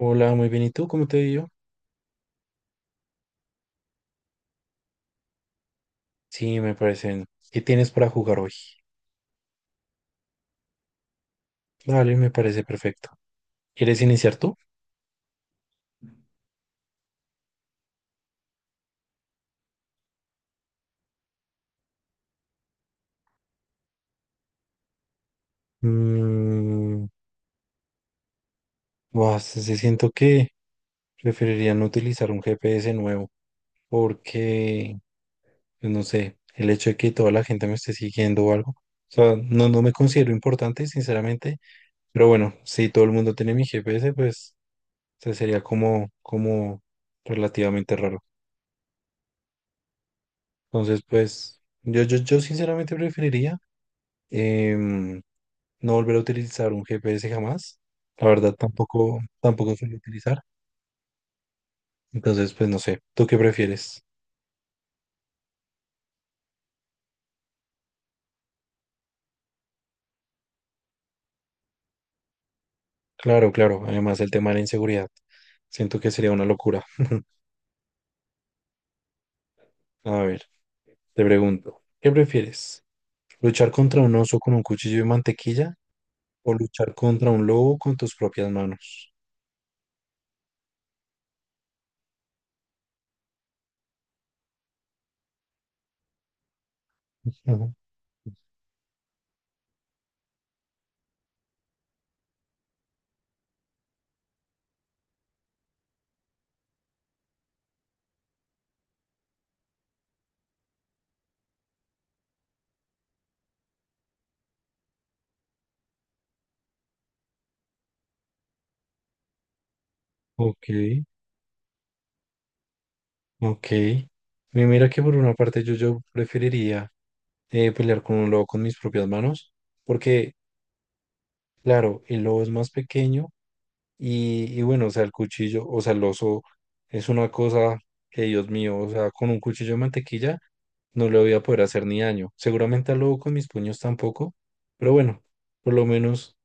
Hola, muy bien. ¿Y tú? ¿Cómo te ha Sí, me parecen. ¿Qué tienes para jugar hoy? Dale, me parece perfecto. ¿Quieres iniciar tú? Mm, buah, se siento que preferiría no utilizar un GPS nuevo porque, pues, no sé, el hecho de que toda la gente me esté siguiendo o algo. O sea, no, no me considero importante, sinceramente. Pero bueno, si todo el mundo tiene mi GPS, pues o sea, sería como, como relativamente raro. Entonces, pues, yo sinceramente preferiría em, no volver a utilizar un GPS jamás. La verdad tampoco, tampoco suelo utilizar. Entonces, pues no sé, ¿tú qué prefieres? Claro, claro. Además, el tema de la inseguridad. Siento que sería una locura. A ver, te pregunto, ¿qué prefieres? ¿Luchar contra un oso con un cuchillo de mantequilla o luchar contra un lobo con tus propias manos? Ujú. Ok, ok. Mira que por una parte yo preferiría pelear con un lobo con mis propias manos, porque claro, el lobo es más pequeño y bueno, o sea, el cuchillo, o sea, el oso es una cosa que, Dios mío, o sea, con un cuchillo de mantequilla no le voy a poder hacer ni daño. Seguramente al lobo con mis puños tampoco, pero bueno, por lo menos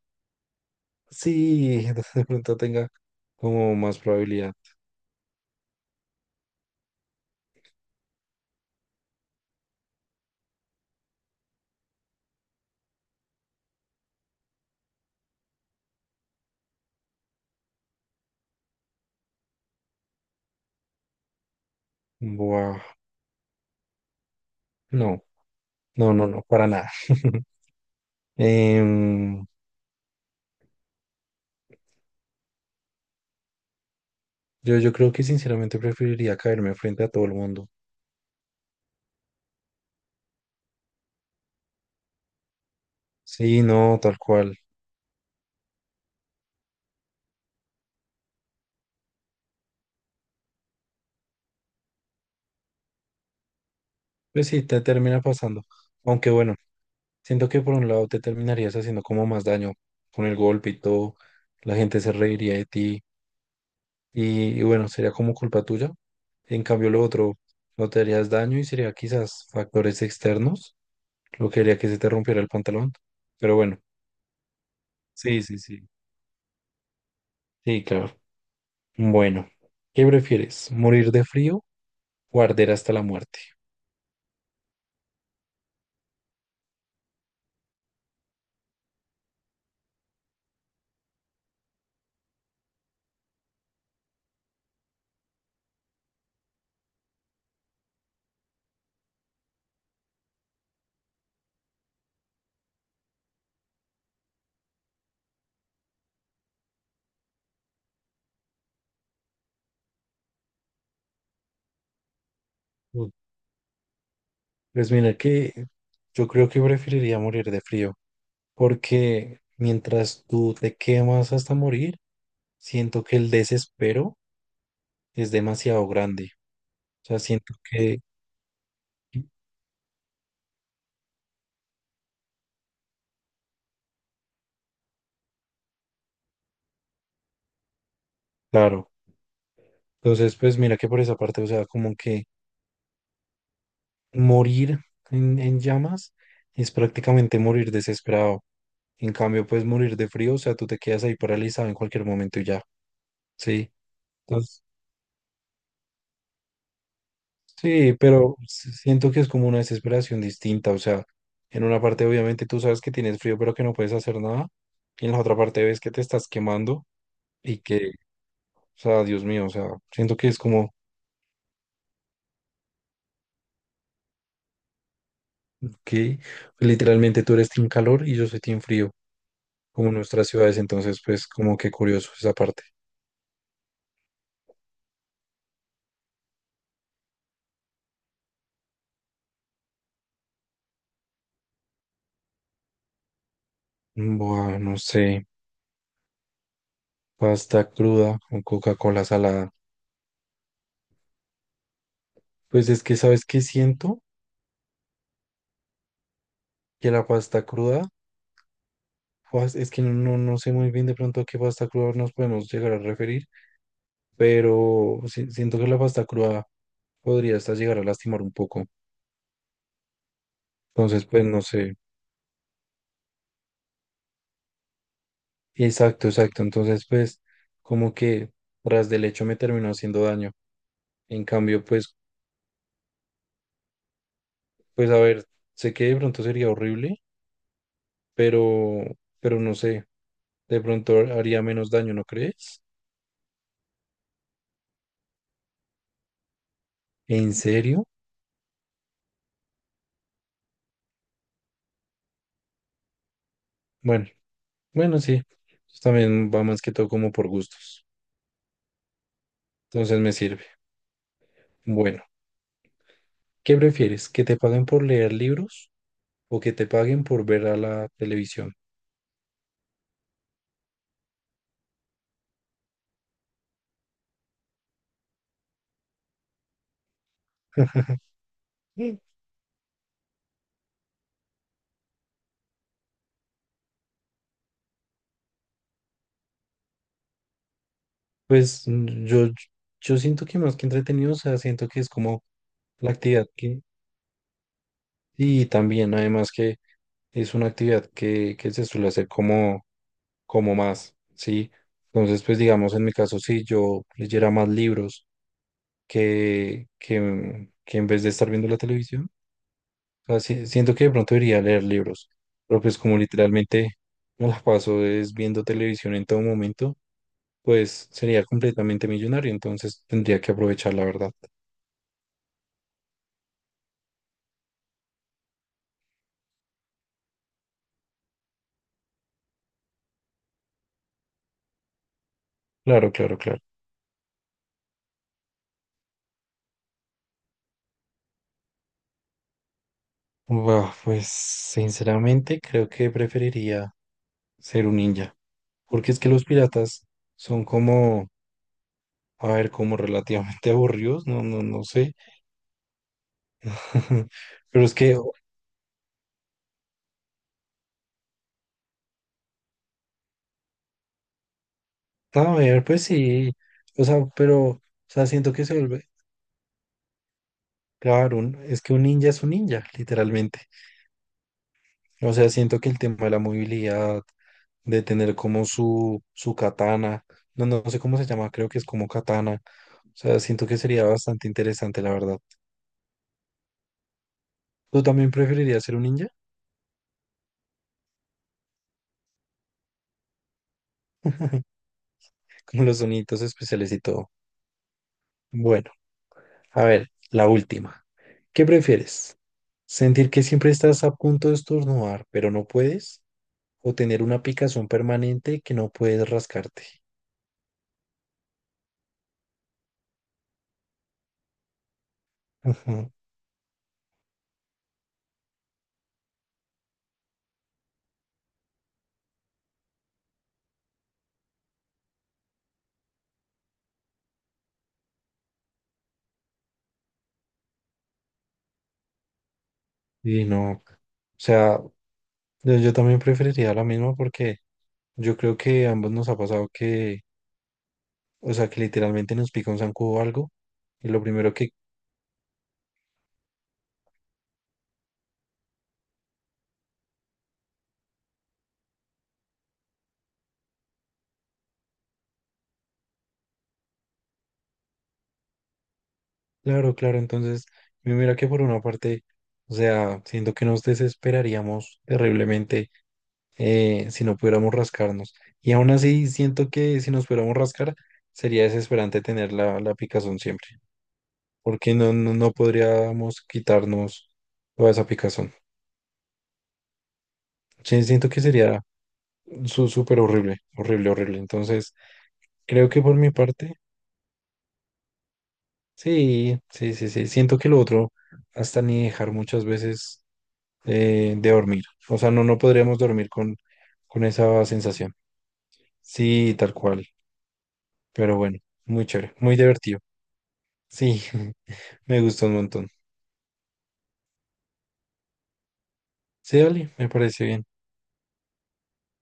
sí, de pronto tenga como más probabilidad. Buah, no, no, no, no, para nada. Em, yo, yo creo que sinceramente preferiría caerme frente a todo el mundo. Sí, no, tal cual. Pues sí, te termina pasando. Aunque bueno, siento que por un lado te terminarías haciendo como más daño con el golpe y todo. La gente se reiría de ti y bueno, sería como culpa tuya. En cambio, lo otro, no te harías daño y sería quizás factores externos lo que haría que se te rompiera el pantalón. Pero bueno, sí, sí, sí. Sí, claro. Bueno, ¿qué prefieres? ¿Morir de frío o arder hasta la muerte? Uy, pues mira que yo creo que preferiría morir de frío, porque mientras tú te quemas hasta morir, siento que el desespero es demasiado grande. O sea, siento que, claro, entonces pues mira que por esa parte, o sea, como que morir en llamas es prácticamente morir desesperado. En cambio, pues morir de frío, o sea, tú te quedas ahí paralizado en cualquier momento y ya, ¿sí? Entonces, sí, pero siento que es como una desesperación distinta, o sea, en una parte obviamente tú sabes que tienes frío pero que no puedes hacer nada, y en la otra parte ves que te estás quemando y que, o sea, Dios mío, o sea, siento que es como que literalmente tú eres team calor y yo soy team frío, como en nuestras ciudades, entonces pues como que curioso esa parte. Buah, no sé, pasta cruda o Coca-Cola salada. Pues es que, ¿sabes qué siento? Que la pasta cruda pues, es que no, no sé muy bien de pronto a qué pasta cruda nos podemos llegar a referir, pero siento que la pasta cruda podría hasta llegar a lastimar un poco. Entonces, pues no sé. Exacto, exacto. Entonces, pues como que tras del hecho me terminó haciendo daño. En cambio, pues, pues a ver, sé que de pronto sería horrible, pero, pero no sé, de pronto haría menos daño, ¿no crees? ¿En serio? Bueno, bueno, sí. También va más que todo como por gustos. Entonces me sirve. Bueno. ¿Qué prefieres? ¿Que te paguen por leer libros o que te paguen por ver a la televisión? Mm. Pues yo, yo siento que más que entretenido, o sea, siento que es como la actividad que, y también además que es una actividad que se suele hacer como, como más, ¿sí? Entonces, pues digamos, en mi caso, si yo leyera más libros que en vez de estar viendo la televisión, sea, siento que de pronto debería leer libros, pero pues como literalmente me la paso es viendo televisión en todo momento, pues sería completamente millonario, entonces tendría que aprovechar la verdad. Claro, claro, claro. Buah, pues sinceramente creo que preferiría ser un ninja, porque es que los piratas son como, a ver, como relativamente aburridos, no, no, no sé. Pero es que, a ver, pues sí, o sea, pero, o sea, siento que claro, es que un ninja es un ninja, literalmente. O sea, siento que el tema de la movilidad, de tener como su katana, no, no sé cómo se llama, creo que es como katana. O sea, siento que sería bastante interesante, la verdad. ¿Tú también preferirías ser un ninja? Con los sonidos especiales y todo. Bueno, a ver, la última. ¿Qué prefieres? ¿Sentir que siempre estás a punto de estornudar, pero no puedes? ¿O tener una picazón permanente que no puedes rascarte? Y no, o sea, yo también preferiría la misma porque yo creo que a ambos nos ha pasado que, o sea, que literalmente nos pica un zancudo o algo. Y lo primero que, claro, claro, entonces, y mira que por una parte, o sea, siento que nos desesperaríamos terriblemente si no pudiéramos rascarnos. Y aún así, siento que si nos pudiéramos rascar, sería desesperante tener la, la picazón siempre, porque no, no, no podríamos quitarnos toda esa picazón. Sí, siento que sería súper horrible, horrible, horrible. Entonces, creo que por mi parte, sí, sí, sí, sí. Siento que lo otro, hasta ni dejar muchas veces de dormir. O sea, no, no podríamos dormir con esa sensación. Sí, tal cual. Pero bueno, muy chévere, muy divertido. Sí, me gustó un montón. Sí, dale, me parece bien.